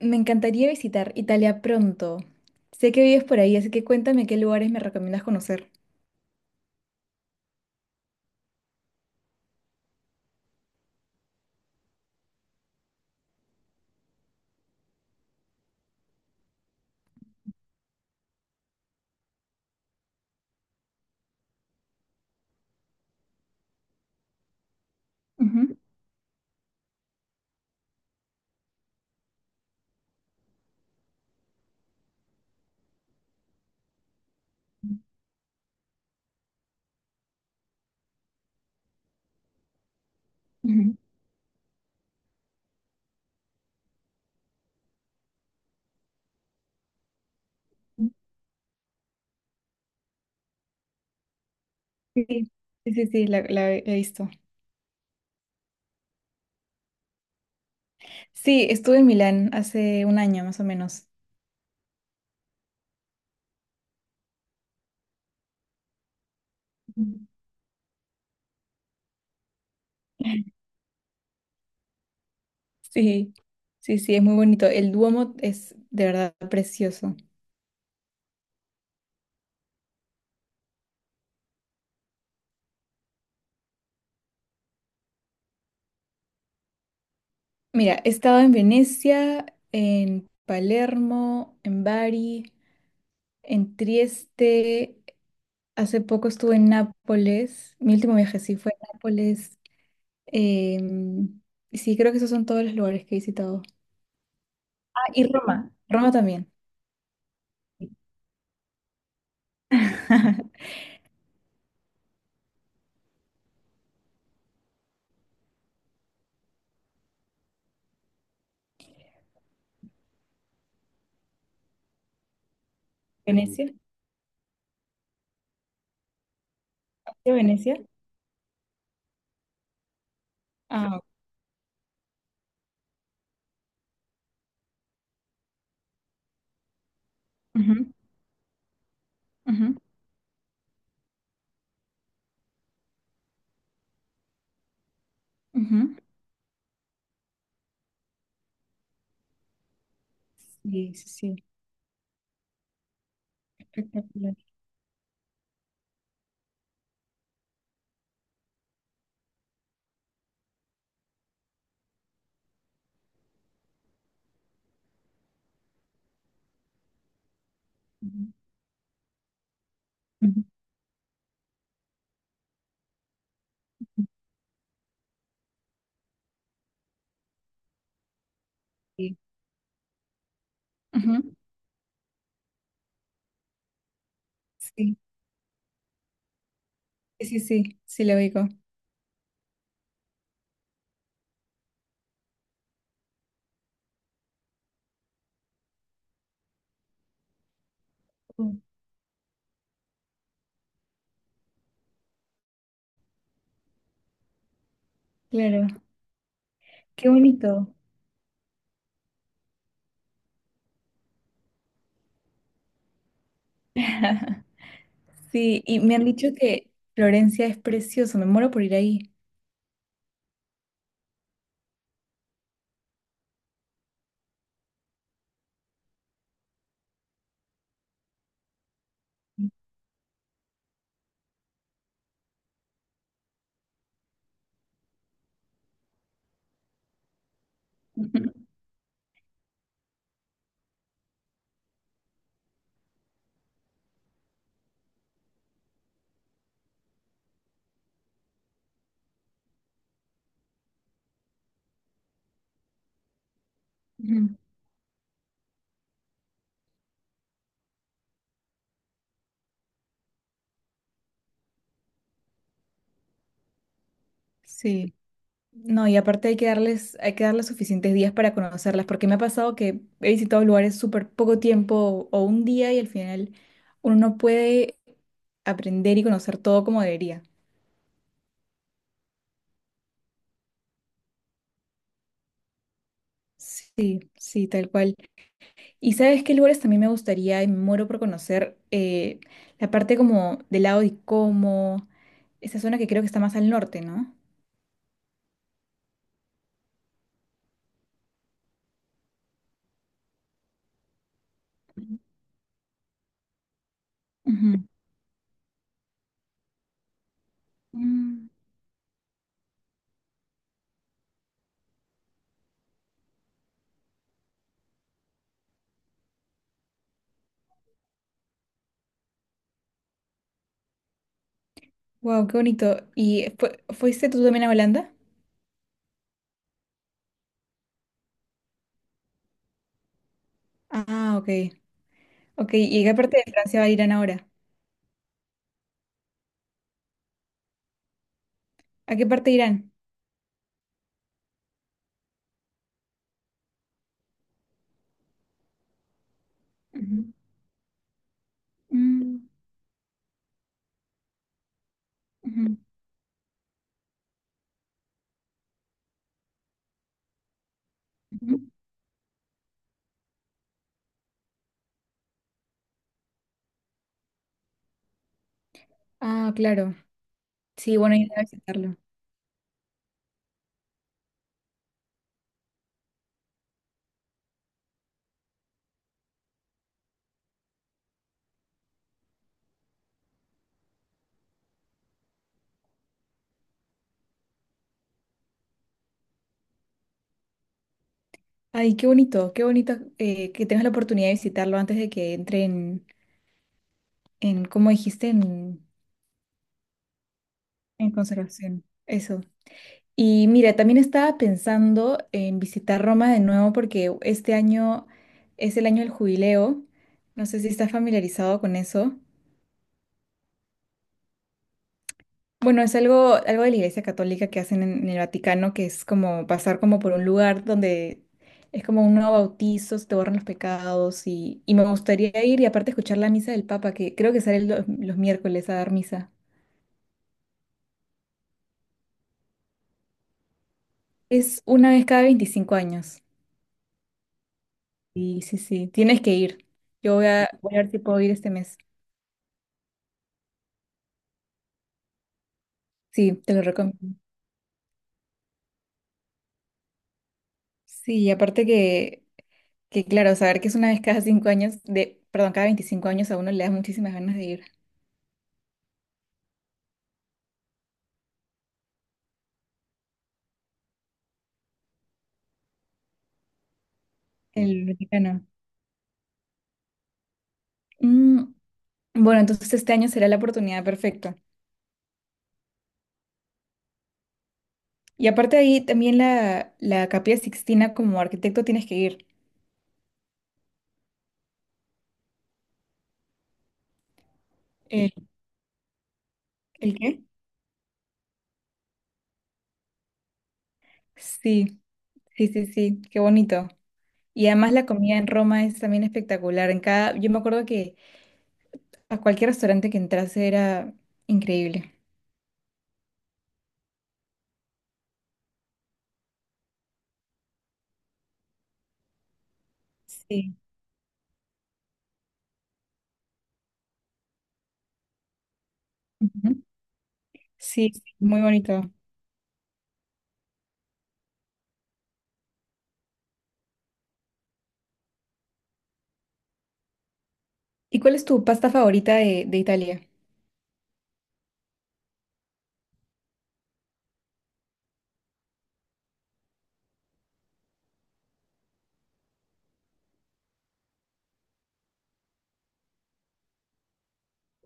Me encantaría visitar Italia pronto. Sé que vives por ahí, así que cuéntame qué lugares me recomiendas conocer. Ujú, ujú. Sí, sí, sí, sí, la he visto. Sí, estuve en Milán hace un año más o menos. Ujú. Sí, sí, sí, es muy bonito. El Duomo es de verdad precioso. Mira, he estado en Venecia, en Palermo, en Bari, en Trieste. Hace poco estuve en Nápoles. Mi último viaje sí fue a Nápoles. Em, sí, creo que esos son todos los lugares que he visitado. Ah, y Roma, Roma también. Venecia, ¿de Venecia. Ah, ujú, ujú, ujú. Sí, sí, sí. Espectacular. Ujú, ujú, sí, ujú, sí, sí, sí, sí, sí, lo ubico. Mm. Claro, qué bonito. Sí, y me han dicho que Florencia es precioso, me muero por ir ahí. Ujú, ujú. Sí. No, y aparte hay que darles suficientes días para conocerlas, porque me ha pasado que he visitado lugares súper poco tiempo o un día y al final uno no puede aprender y conocer todo como debería. Sí, sí, tal cual. ¿Y sabes qué lugares también me gustaría y me muero por conocer? La parte como del lado de Como, esa zona que creo que está más al norte, ¿no? Wow, qué bonito. ¿Y fuiste tú también a Holanda? Ah, ok. Ok, ¿y a qué parte de Francia va a Irán ahora? ¿A qué parte de Irán? Ujú. Mm, ujú, ujú. Ah, claro. Sí, bueno, ir a visitarlo. Ay, qué bonito que tengas la oportunidad de visitarlo antes de que entre en como dijiste, en conservación. Eso. Y mira, también estaba pensando en visitar Roma de nuevo porque este año es el año del jubileo. No sé si estás familiarizado con eso. Bueno, es algo, algo de la Iglesia Católica que hacen en el Vaticano, que es como pasar como por un lugar donde es como un nuevo bautizo, se te borran los pecados y me gustaría ir y aparte escuchar la misa del Papa, que creo que sale los miércoles a dar misa. Es una vez cada 25 años. Sí, sí, sí, tienes que ir. Yo voy a, voy a ver si puedo ir este mes. Sí, te lo recomiendo. Sí, y aparte que claro, saber que es una vez cada 5 años, de, perdón, cada 25 años a uno le da muchísimas ganas de ir. El Vaticano. Mm. Bueno, entonces este año será la oportunidad perfecta. Y aparte de ahí, también la, la Capilla Sixtina como arquitecto tienes que ir. Eh, ¿El qué? Sí, sí, sí, sí, qué bonito. Y además la comida en Roma es también espectacular. En cada, yo me acuerdo que a cualquier restaurante que entrase era increíble. Sí. Ujú. Sí, sí, muy bonito. ¿Y cuál es tu pasta favorita de Italia?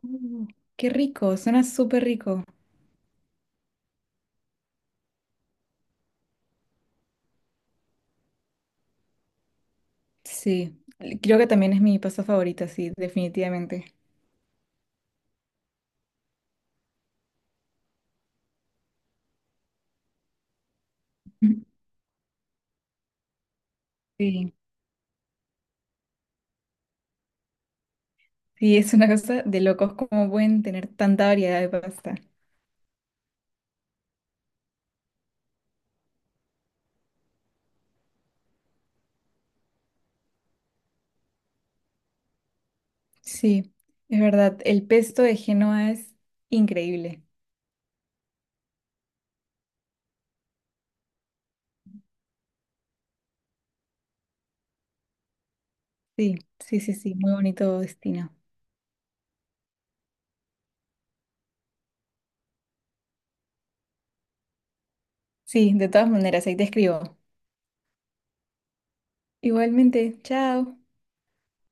Uh, qué rico, suena súper rico. Sí, creo que también es mi pasta favorita, sí, definitivamente. Sí, sí, es una cosa de locos cómo pueden tener tanta variedad de pasta. Sí, es verdad. El pesto de Génova es increíble. Sí, sí, sí, sí, muy bonito destino. Sí, de todas maneras, ahí te escribo. Igualmente, chao.